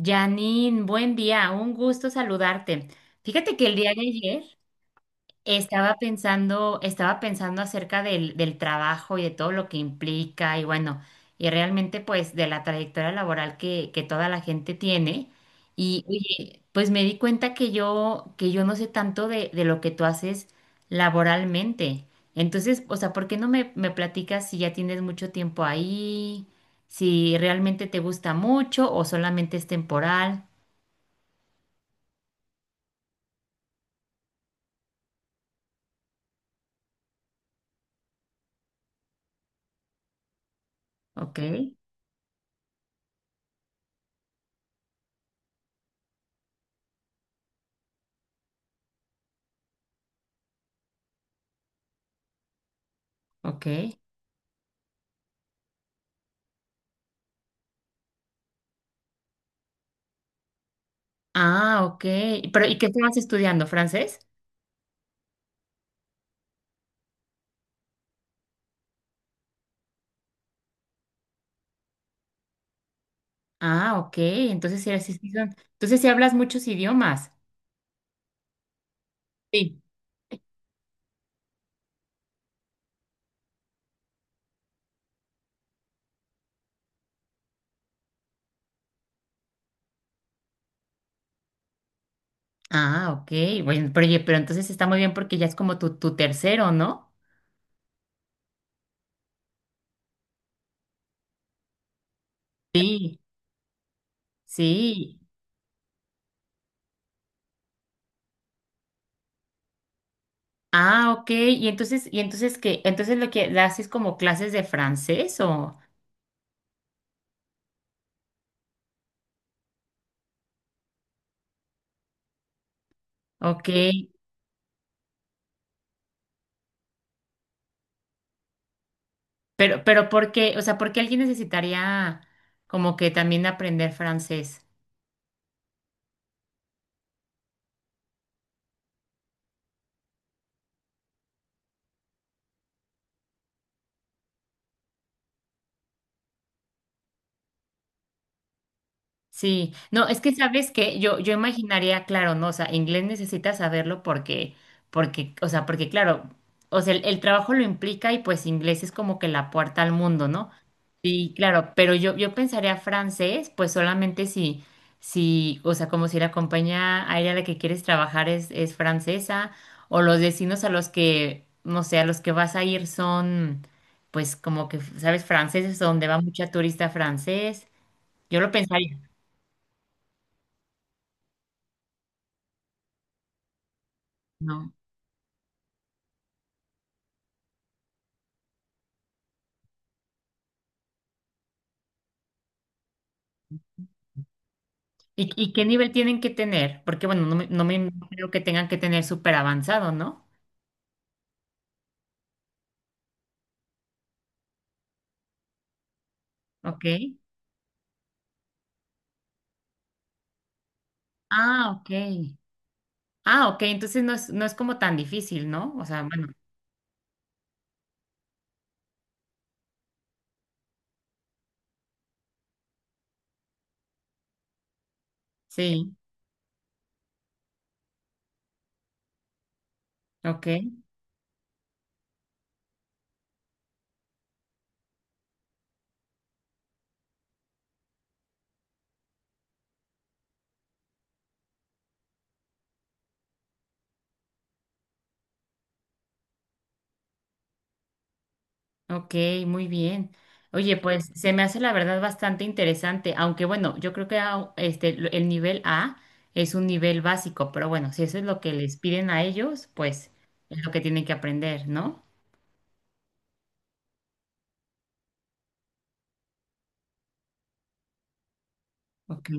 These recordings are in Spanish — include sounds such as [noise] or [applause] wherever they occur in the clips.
Janine, buen día, un gusto saludarte. Fíjate que el día de ayer estaba pensando acerca del trabajo y de todo lo que implica y bueno, y realmente pues de la trayectoria laboral que toda la gente tiene. Y oye, pues me di cuenta que yo no sé tanto de lo que tú haces laboralmente. Entonces, o sea, ¿por qué no me platicas si ya tienes mucho tiempo ahí, si realmente te gusta mucho o solamente es temporal? Ok, ok. Ah, ok. Pero, ¿y qué estabas estudiando? ¿Francés? Ah, ok. Entonces sí, Entonces sí hablas muchos idiomas. Sí. Ah, ok. Bueno, pero, oye, pero entonces está muy bien porque ya es como tu tercero, ¿no? Sí. Sí. Ah, ok. ¿Y entonces qué? Entonces lo que haces como clases de francés o ok. Pero ¿por qué? O sea, ¿por qué alguien necesitaría como que también aprender francés? Sí, no, es que sabes que yo imaginaría, claro, no, o sea, inglés necesitas saberlo porque, porque, o sea, porque claro, o sea, el trabajo lo implica y pues inglés es como que la puerta al mundo, ¿no? Sí, claro, pero yo pensaría francés, pues solamente si, si, o sea, como si la compañía aérea a la que quieres trabajar es francesa, o los vecinos a los que, no sé, a los que vas a ir son, pues como que, sabes, franceses, donde va mucha turista francés, yo lo pensaría. No. Y qué nivel tienen que tener? Porque, bueno, no me no creo que tengan que tener súper avanzado, ¿no? Ok. Ah, ok. Ah, ok. Entonces no es, no es como tan difícil, ¿no? O sea, bueno, sí. Ok, ok, muy bien. Oye, pues se me hace la verdad bastante interesante, aunque bueno, yo creo que este, el nivel A es un nivel básico, pero bueno, si eso es lo que les piden a ellos, pues es lo que tienen que aprender, ¿no? Ok,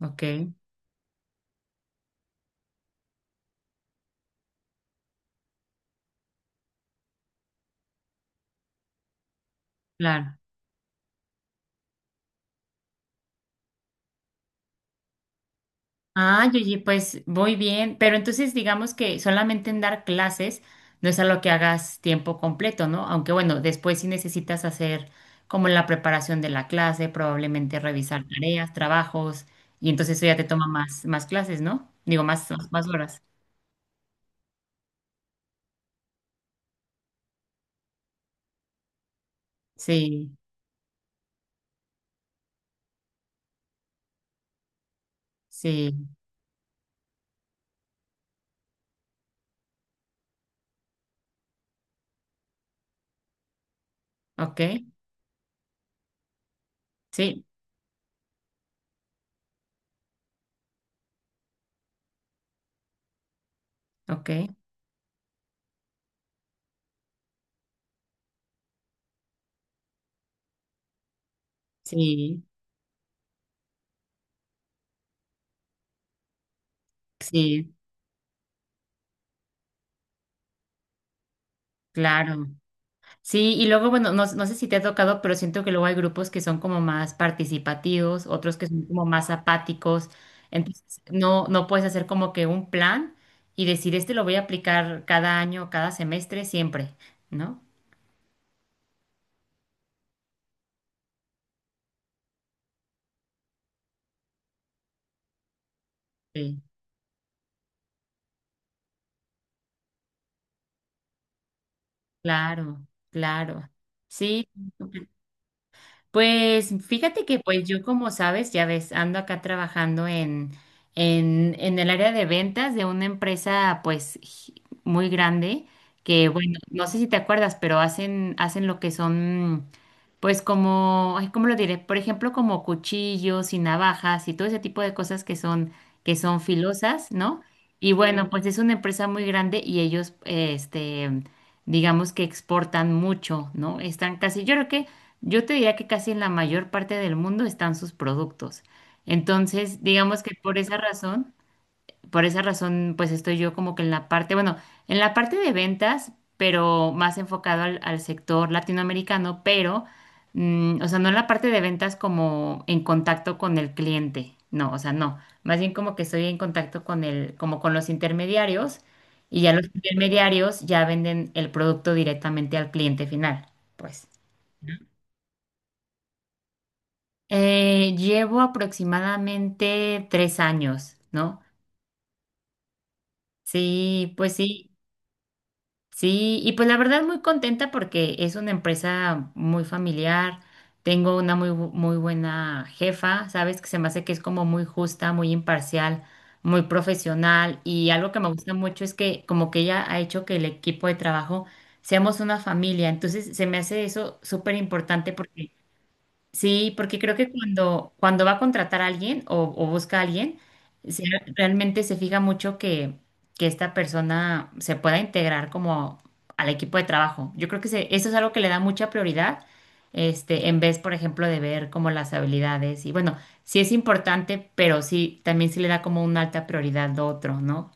ok, claro. Ah, Yuyi, pues voy bien, pero entonces digamos que solamente en dar clases no es a lo que hagas tiempo completo, ¿no? Aunque bueno, después sí necesitas hacer como la preparación de la clase, probablemente revisar tareas, trabajos, y entonces eso ya te toma más clases, ¿no? Digo, más horas. Sí, sí, ok, sí, ok, sí, sí, claro. Sí, y luego, bueno, no, no sé si te ha tocado, pero siento que luego hay grupos que son como más participativos, otros que son como más apáticos. Entonces, no, no puedes hacer como que un plan y decir, este lo voy a aplicar cada año, cada semestre, siempre, ¿no? Sí, claro, claro. Sí, pues fíjate que pues yo como sabes, ya ves, ando acá trabajando en el área de ventas de una empresa pues muy grande que bueno, no sé si te acuerdas, pero hacen lo que son pues como, ay, ¿cómo lo diré? Por ejemplo, como cuchillos y navajas y todo ese tipo de cosas que son filosas, ¿no? Y bueno, sí, pues es una empresa muy grande y ellos, este, digamos que exportan mucho, ¿no? Están casi, yo creo que yo te diría que casi en la mayor parte del mundo están sus productos. Entonces, digamos que por esa razón, pues estoy yo como que en la parte, bueno, en la parte de ventas, pero más enfocado al sector latinoamericano, pero, mm, o sea, no en la parte de ventas como en contacto con el cliente, no, o sea, no, más bien como que estoy en contacto con el, como con los intermediarios y ya los intermediarios ya venden el producto directamente al cliente final, pues. Llevo aproximadamente tres años, ¿no? Sí, pues sí, sí, y pues la verdad muy contenta porque es una empresa muy familiar, tengo una muy, muy buena jefa, sabes que se me hace que es como muy justa, muy imparcial, muy profesional y algo que me gusta mucho es que como que ella ha hecho que el equipo de trabajo seamos una familia, entonces se me hace eso súper importante. Sí, porque creo que cuando va a contratar a alguien o busca a alguien, se- realmente se fija mucho que esta persona se pueda integrar como al equipo de trabajo. Yo creo que eso es algo que le da mucha prioridad, este, en vez, por ejemplo, de ver como las habilidades. Y bueno, sí es importante, pero sí, también sí le da como una alta prioridad lo otro, ¿no?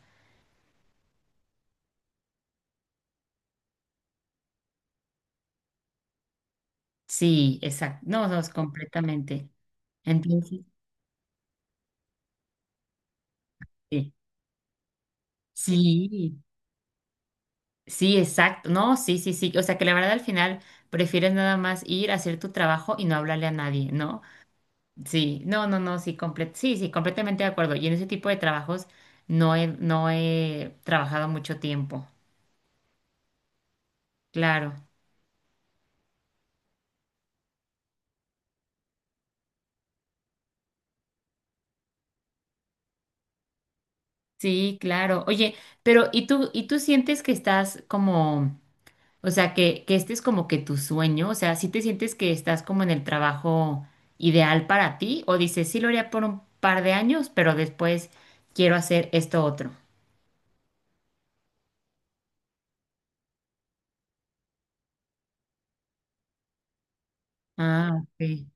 Sí, exacto. No, no, es completamente. Entonces, sí. Sí. Sí, exacto. No, sí, sí, sí. O sea, que la verdad al final prefieres nada más ir a hacer tu trabajo y no hablarle a nadie, ¿no? Sí, no, no, no, sí, sí, sí, completamente de acuerdo. Y en ese tipo de trabajos no he trabajado mucho tiempo. Claro. Sí, claro. Oye, pero y tú sientes que estás como, o sea, que este es como que tu sueño? O sea, ¿sí te sientes que estás como en el trabajo ideal para ti? ¿O dices, sí lo haría por un par de años, pero después quiero hacer esto otro? Ah, ok.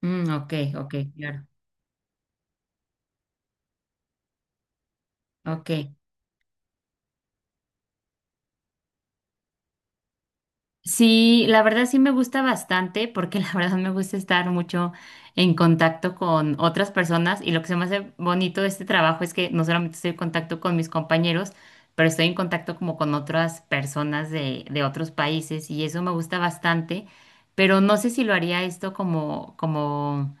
Mm, ok, ok, claro. Ok. Sí, la verdad sí me gusta bastante porque [laughs] la verdad me gusta estar mucho en contacto con otras personas y lo que se me hace bonito de este trabajo es que no solamente estoy en contacto con mis compañeros, pero estoy en contacto como con otras personas de otros países y eso me gusta bastante, pero no sé si lo haría esto como, como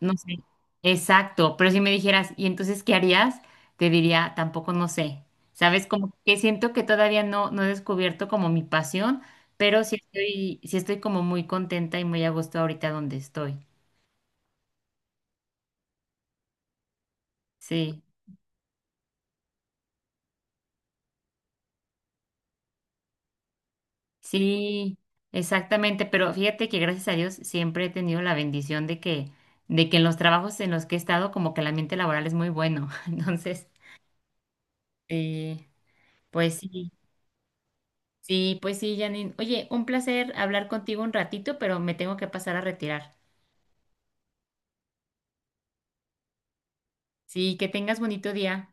no sé. Exacto, pero si me dijeras, ¿y entonces qué harías? Te diría, tampoco no sé. ¿Sabes? Como que siento que todavía no he descubierto como mi pasión, pero sí estoy como muy contenta y muy a gusto ahorita donde estoy. Sí, sí, exactamente. Pero fíjate que gracias a Dios siempre he tenido la bendición de que en los trabajos en los que he estado, como que el ambiente laboral es muy bueno. [laughs] Entonces, eh, pues sí. Sí, pues sí, Janine. Oye, un placer hablar contigo un ratito, pero me tengo que pasar a retirar. Sí, que tengas bonito día.